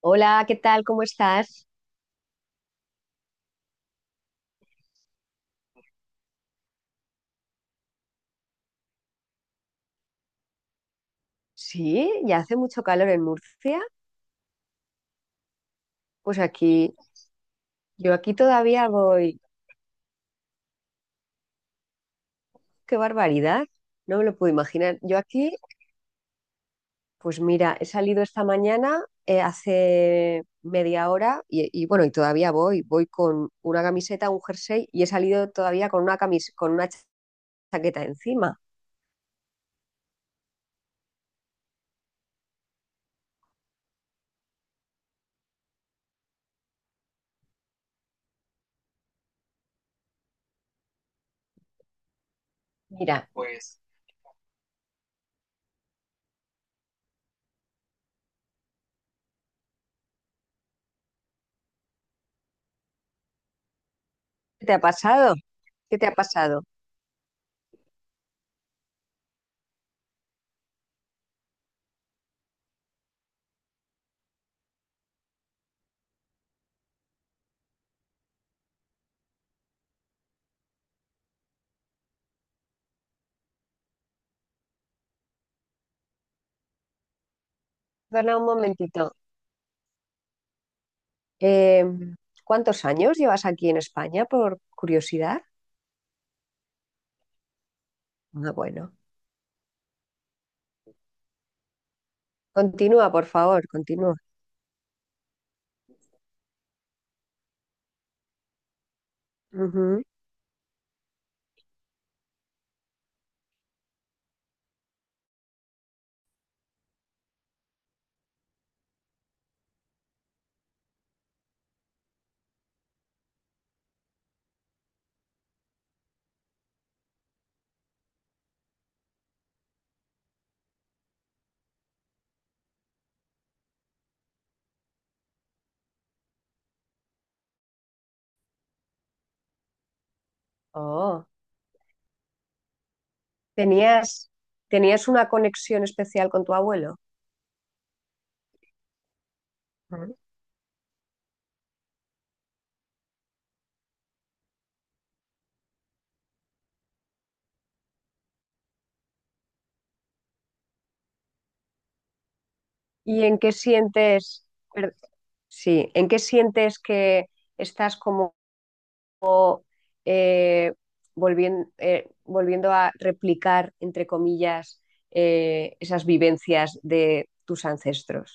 Hola, ¿qué tal? ¿Cómo estás? Sí, ya hace mucho calor en Murcia. Pues aquí, yo aquí todavía voy. ¡Qué barbaridad! No me lo puedo imaginar. Yo aquí, pues mira, he salido esta mañana hace media hora y bueno, y todavía voy. Voy con una camiseta, un jersey y he salido todavía con una con una chaqueta encima. Mira, pues ¿qué te ha pasado? ¿Qué te ha pasado? Perdona un momentito. Eh, ¿Cuántos años llevas aquí en España, por curiosidad? Ah, bueno. Continúa, por favor, continúa. Ujú. Oh, tenías, tenías una conexión especial con tu abuelo. Ujú. ¿Y en qué sientes, per- sí, en qué sientes que estás como volviendo, volviendo a replicar, entre comillas, esas vivencias de tus ancestros?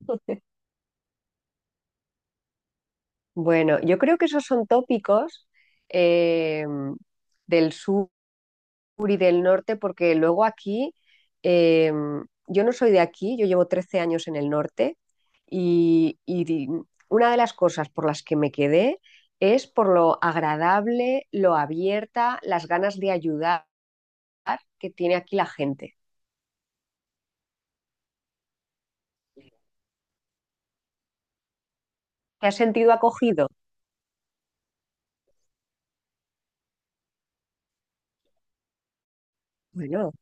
Bueno, yo creo que esos son tópicos eh, del sur y del norte, porque luego aquí, eh, yo no soy de aquí, yo llevo 13 años en el norte y, y una de las cosas por las que me quedé es por lo agradable, lo abierta, las ganas de ayudar que tiene aquí la gente. ¿Te has sentido acogido? Bueno,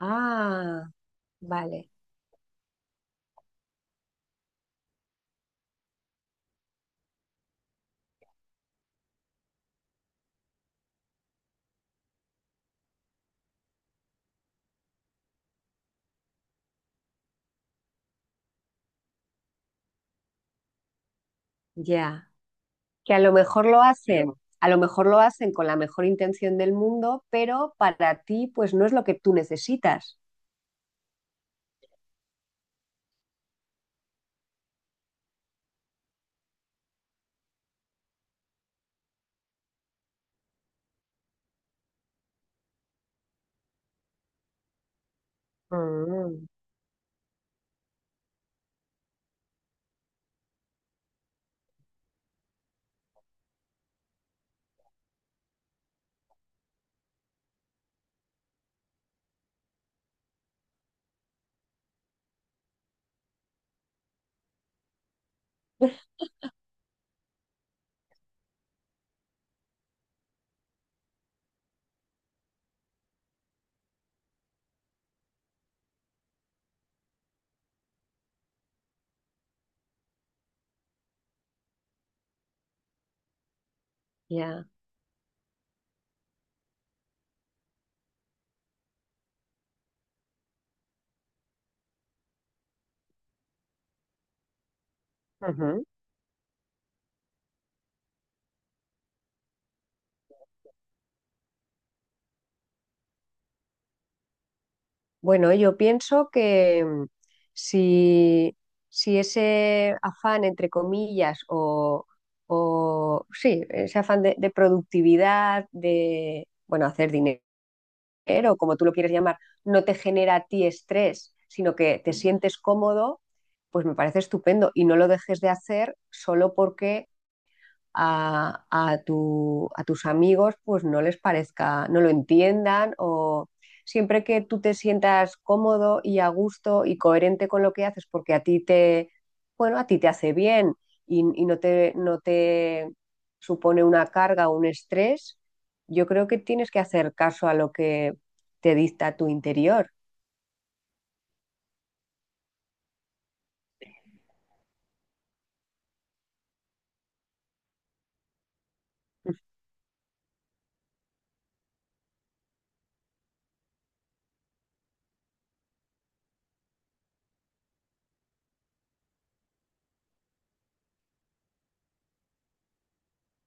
ah, vale, ya. Que a lo mejor lo hacen, a lo mejor lo hacen con la mejor intención del mundo, pero para ti pues no es lo que tú necesitas. Mm, ya. Ujú. Bueno, yo pienso que si, si ese afán, entre comillas, o sí, ese afán de productividad, de, bueno, hacer dinero, como tú lo quieres llamar, no te genera a ti estrés, sino que te sientes cómodo, pues me parece estupendo y no lo dejes de hacer solo porque a tus amigos, pues no les parezca, no lo entiendan o siempre que tú te sientas cómodo y a gusto y coherente con lo que haces, porque a ti te, bueno, a ti te hace bien y no te supone una carga o un estrés, yo creo que tienes que hacer caso a lo que te dicta tu interior.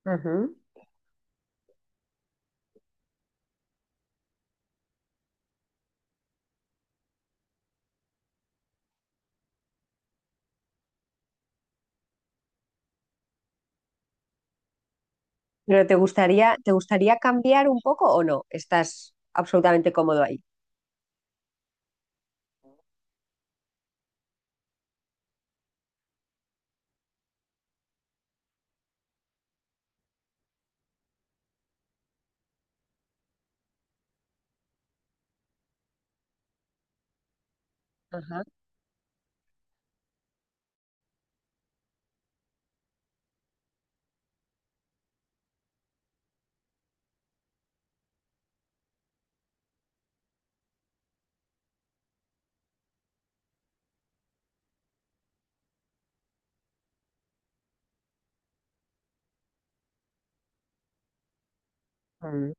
Ujú. Pero te gustaría cambiar un poco o no? ¿Estás absolutamente cómodo ahí? Ajá. Mm.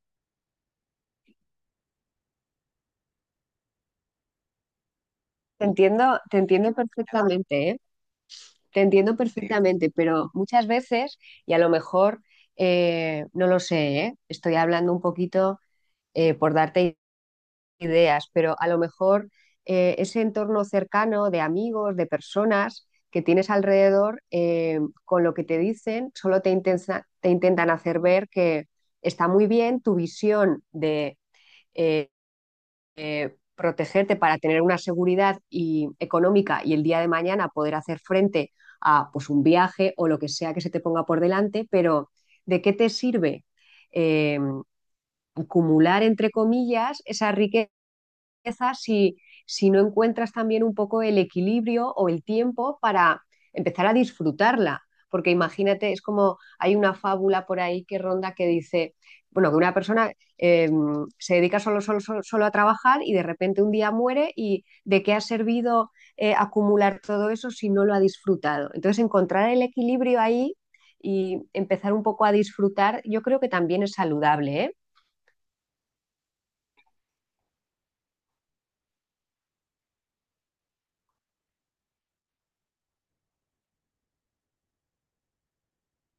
Te entiendo perfectamente, ¿eh? Te entiendo. Sí, perfectamente, pero muchas veces, y a lo mejor, no lo sé, ¿eh? Estoy hablando un poquito por darte ideas, pero a lo mejor ese entorno cercano de amigos, de personas que tienes alrededor, con lo que te dicen, solo te intentan hacer ver que está muy bien tu visión, protegerte para tener una seguridad económica y el día de mañana poder hacer frente a pues, un viaje o lo que sea que se te ponga por delante, pero ¿de qué te sirve eh, acumular, entre comillas, esa riqueza? Empiezas si, si no encuentras también un poco el equilibrio o el tiempo para empezar a disfrutarla. Porque imagínate, es como hay una fábula por ahí que ronda que dice, bueno, que una persona eh, se dedica solo, solo, solo, solo a trabajar y de repente un día muere y ¿de qué ha servido acumular todo eso si no lo ha disfrutado? Entonces, encontrar el equilibrio ahí y empezar un poco a disfrutar, yo creo que también es saludable, ¿eh?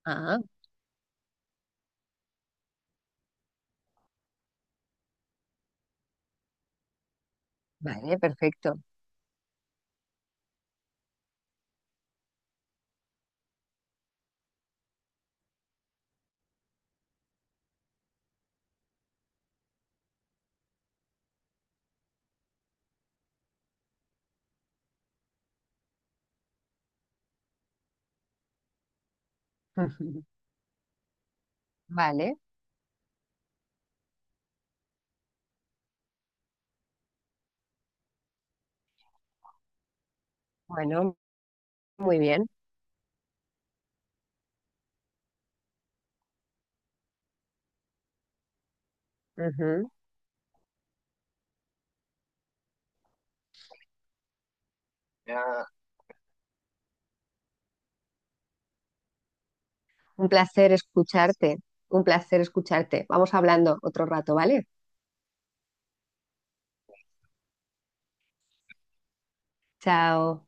Ah, vale, perfecto. Vale. Bueno, muy bien. Ujú. Ya, un placer escucharte. Un placer escucharte. Vamos hablando otro rato, ¿vale? Chao.